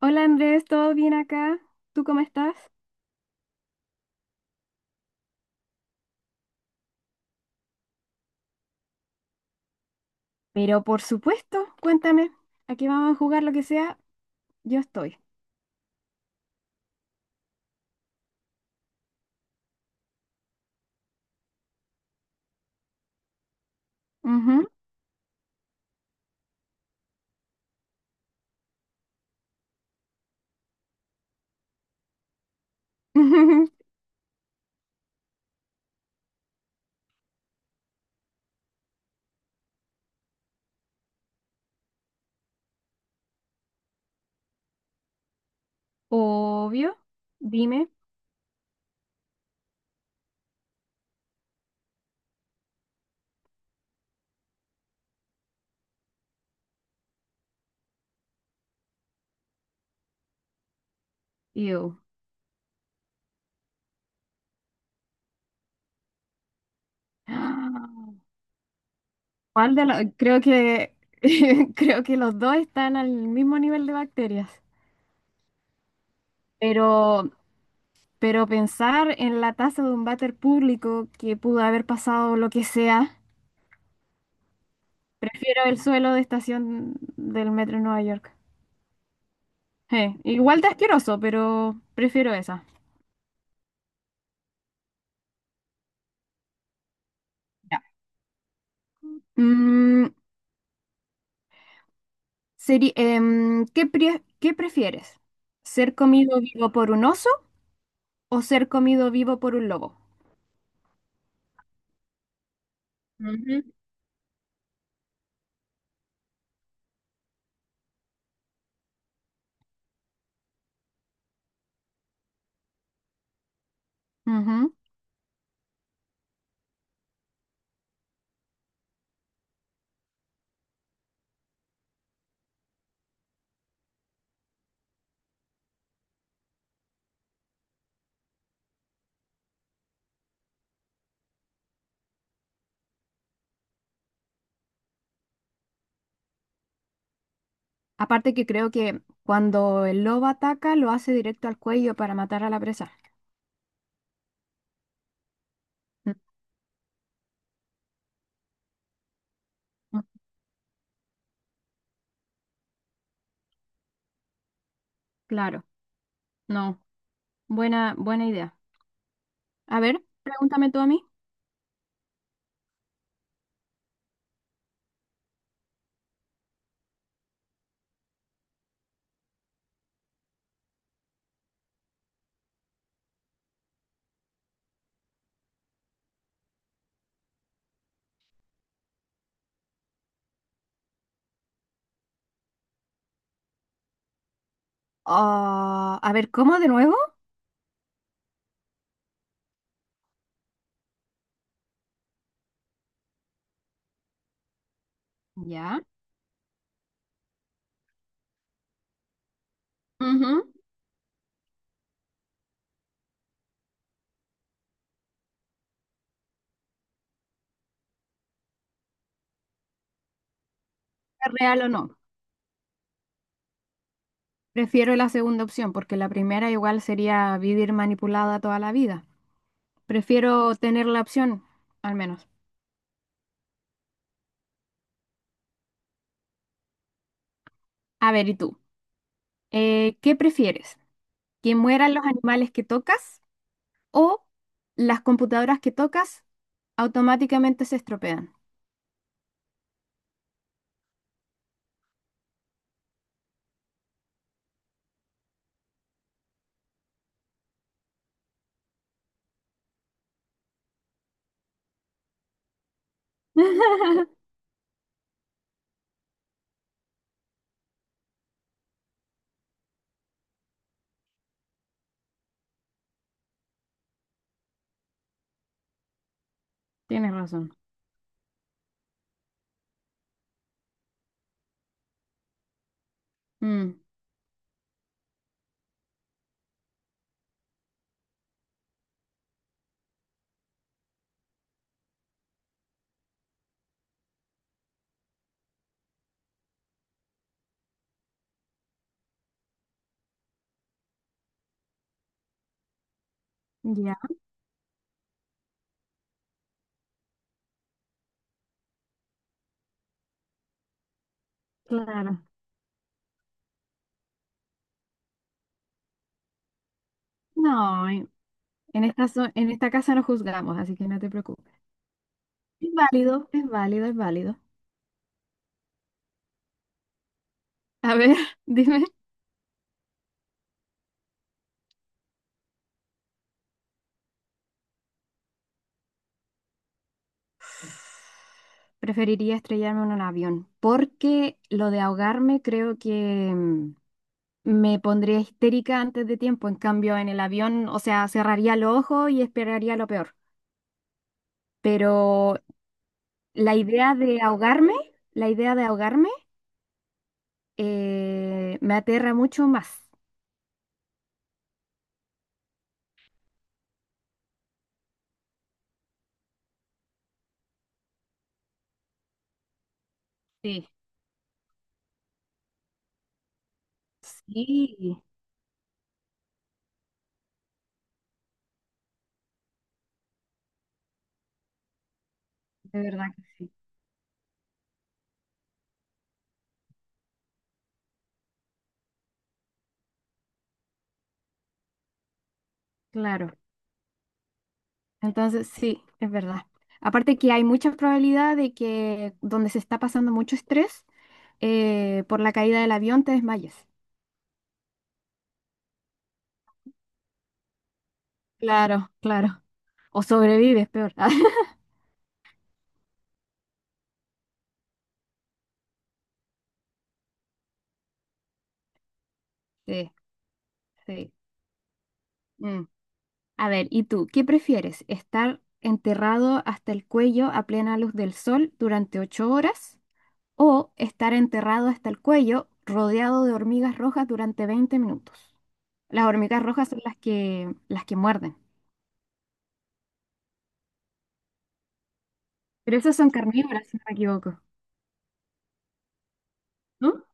Hola Andrés, ¿todo bien acá? ¿Tú cómo estás? Pero por supuesto, cuéntame, aquí vamos a jugar lo que sea, yo estoy. Ujú. Obvio, dime, yo. ¿Cuál de los? Creo que creo que los dos están al mismo nivel de bacterias. Pero, pero pensar en la taza de un váter público que pudo haber pasado lo que sea, prefiero el suelo de estación del metro de Nueva York. Igual de asqueroso, pero prefiero esa. Ya. Mm, ¿Qué, qué prefieres? ¿Ser comido vivo por un oso o ser comido vivo por un lobo? Ujú. Ujú. Aparte que creo que cuando el lobo ataca lo hace directo al cuello para matar a la presa. Mm. Claro, no. Buena, buena idea. A ver, pregúntame tú a mí. Ah, a ver, ¿cómo de nuevo? Ya. Ujú. ¿Es real o no? Prefiero la segunda opción porque la primera igual sería vivir manipulada toda la vida. Prefiero tener la opción, al menos. A ver, ¿y tú? ¿Qué prefieres? ¿Que mueran los animales que tocas o las computadoras que tocas automáticamente se estropean? Tienes razón. Mm, ya, claro. No, en esta, en esta casa no juzgamos, así que no te preocupes. Es válido, es válido, es válido. A ver, dime. Preferiría estrellarme en un avión, porque lo de ahogarme creo que me pondría histérica antes de tiempo. En cambio, en el avión, o sea, cerraría los ojos y esperaría lo peor. Pero la idea de ahogarme, la idea de ahogarme, me aterra mucho más. Sí. Sí, de verdad que sí. Claro. Entonces, sí, es verdad. Aparte que hay mucha probabilidad de que donde se está pasando mucho estrés, por la caída del avión te desmayes. Claro, claro. O sobrevives, peor. Sí, sí. Mm. A ver, ¿y tú qué prefieres? ¿Estar enterrado hasta el cuello a plena luz del sol durante 8 horas o estar enterrado hasta el cuello rodeado de hormigas rojas durante 20 minutos? Las hormigas rojas son las que muerden. Pero esas son carnívoras, si no me equivoco, ¿no?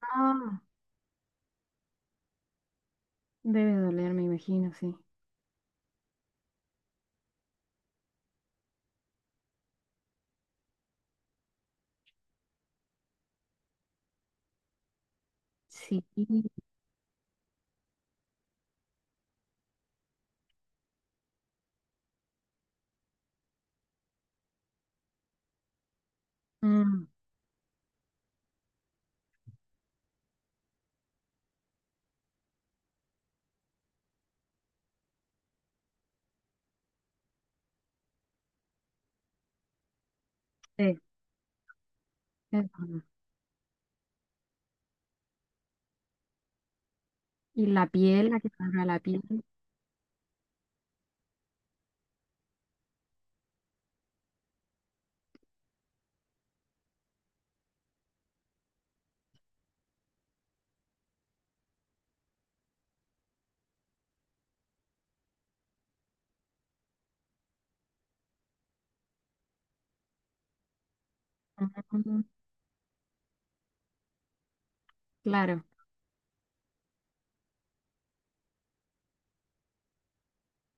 Ah, debe doler, me imagino, sí. Sí. Mm, sí, es verdad. Y la piel, la que salga la piel. Mm, claro,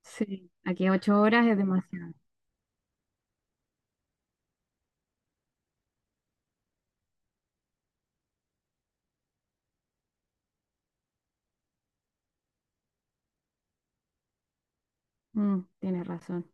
sí. Aquí 8 horas es demasiado. Mm, tienes razón.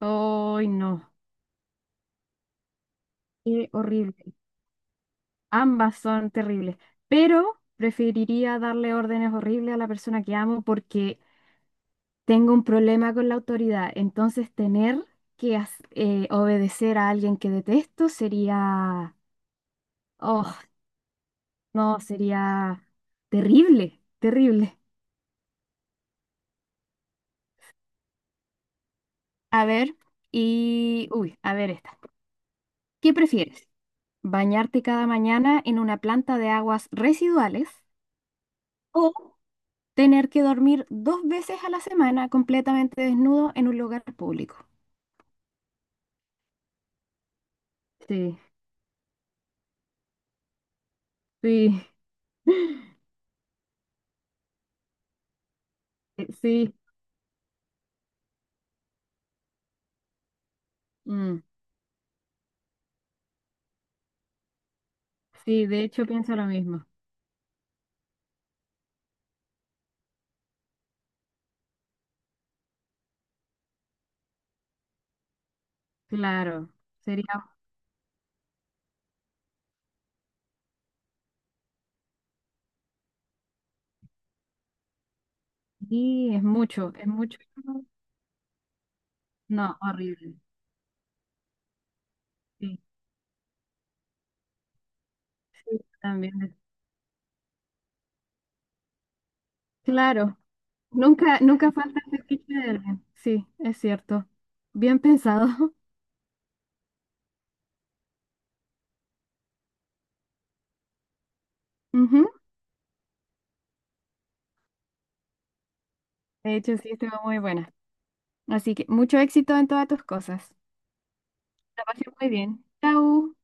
¡Ay, no! Qué horrible. Ambas son terribles. Pero preferiría darle órdenes horribles a la persona que amo porque tengo un problema con la autoridad, entonces tener que obedecer a alguien que detesto sería, oh, no, sería terrible, terrible. A ver, y, uy, a ver esta. ¿Qué prefieres? ¿Bañarte cada mañana en una planta de aguas residuales o tener que dormir dos veces a la semana completamente desnudo en un lugar público? Sí, sí, sí, mm, sí, de hecho pienso lo mismo. Claro, sería, sí es mucho, es mucho. No, horrible. Sí, sí, también. Claro, nunca, nunca falta el fetiche de alguien. Sí, es cierto. Bien pensado. Ujú. De hecho, sí, estuvo muy buena. Así que mucho éxito en todas tus cosas. La pasé muy bien. Chau.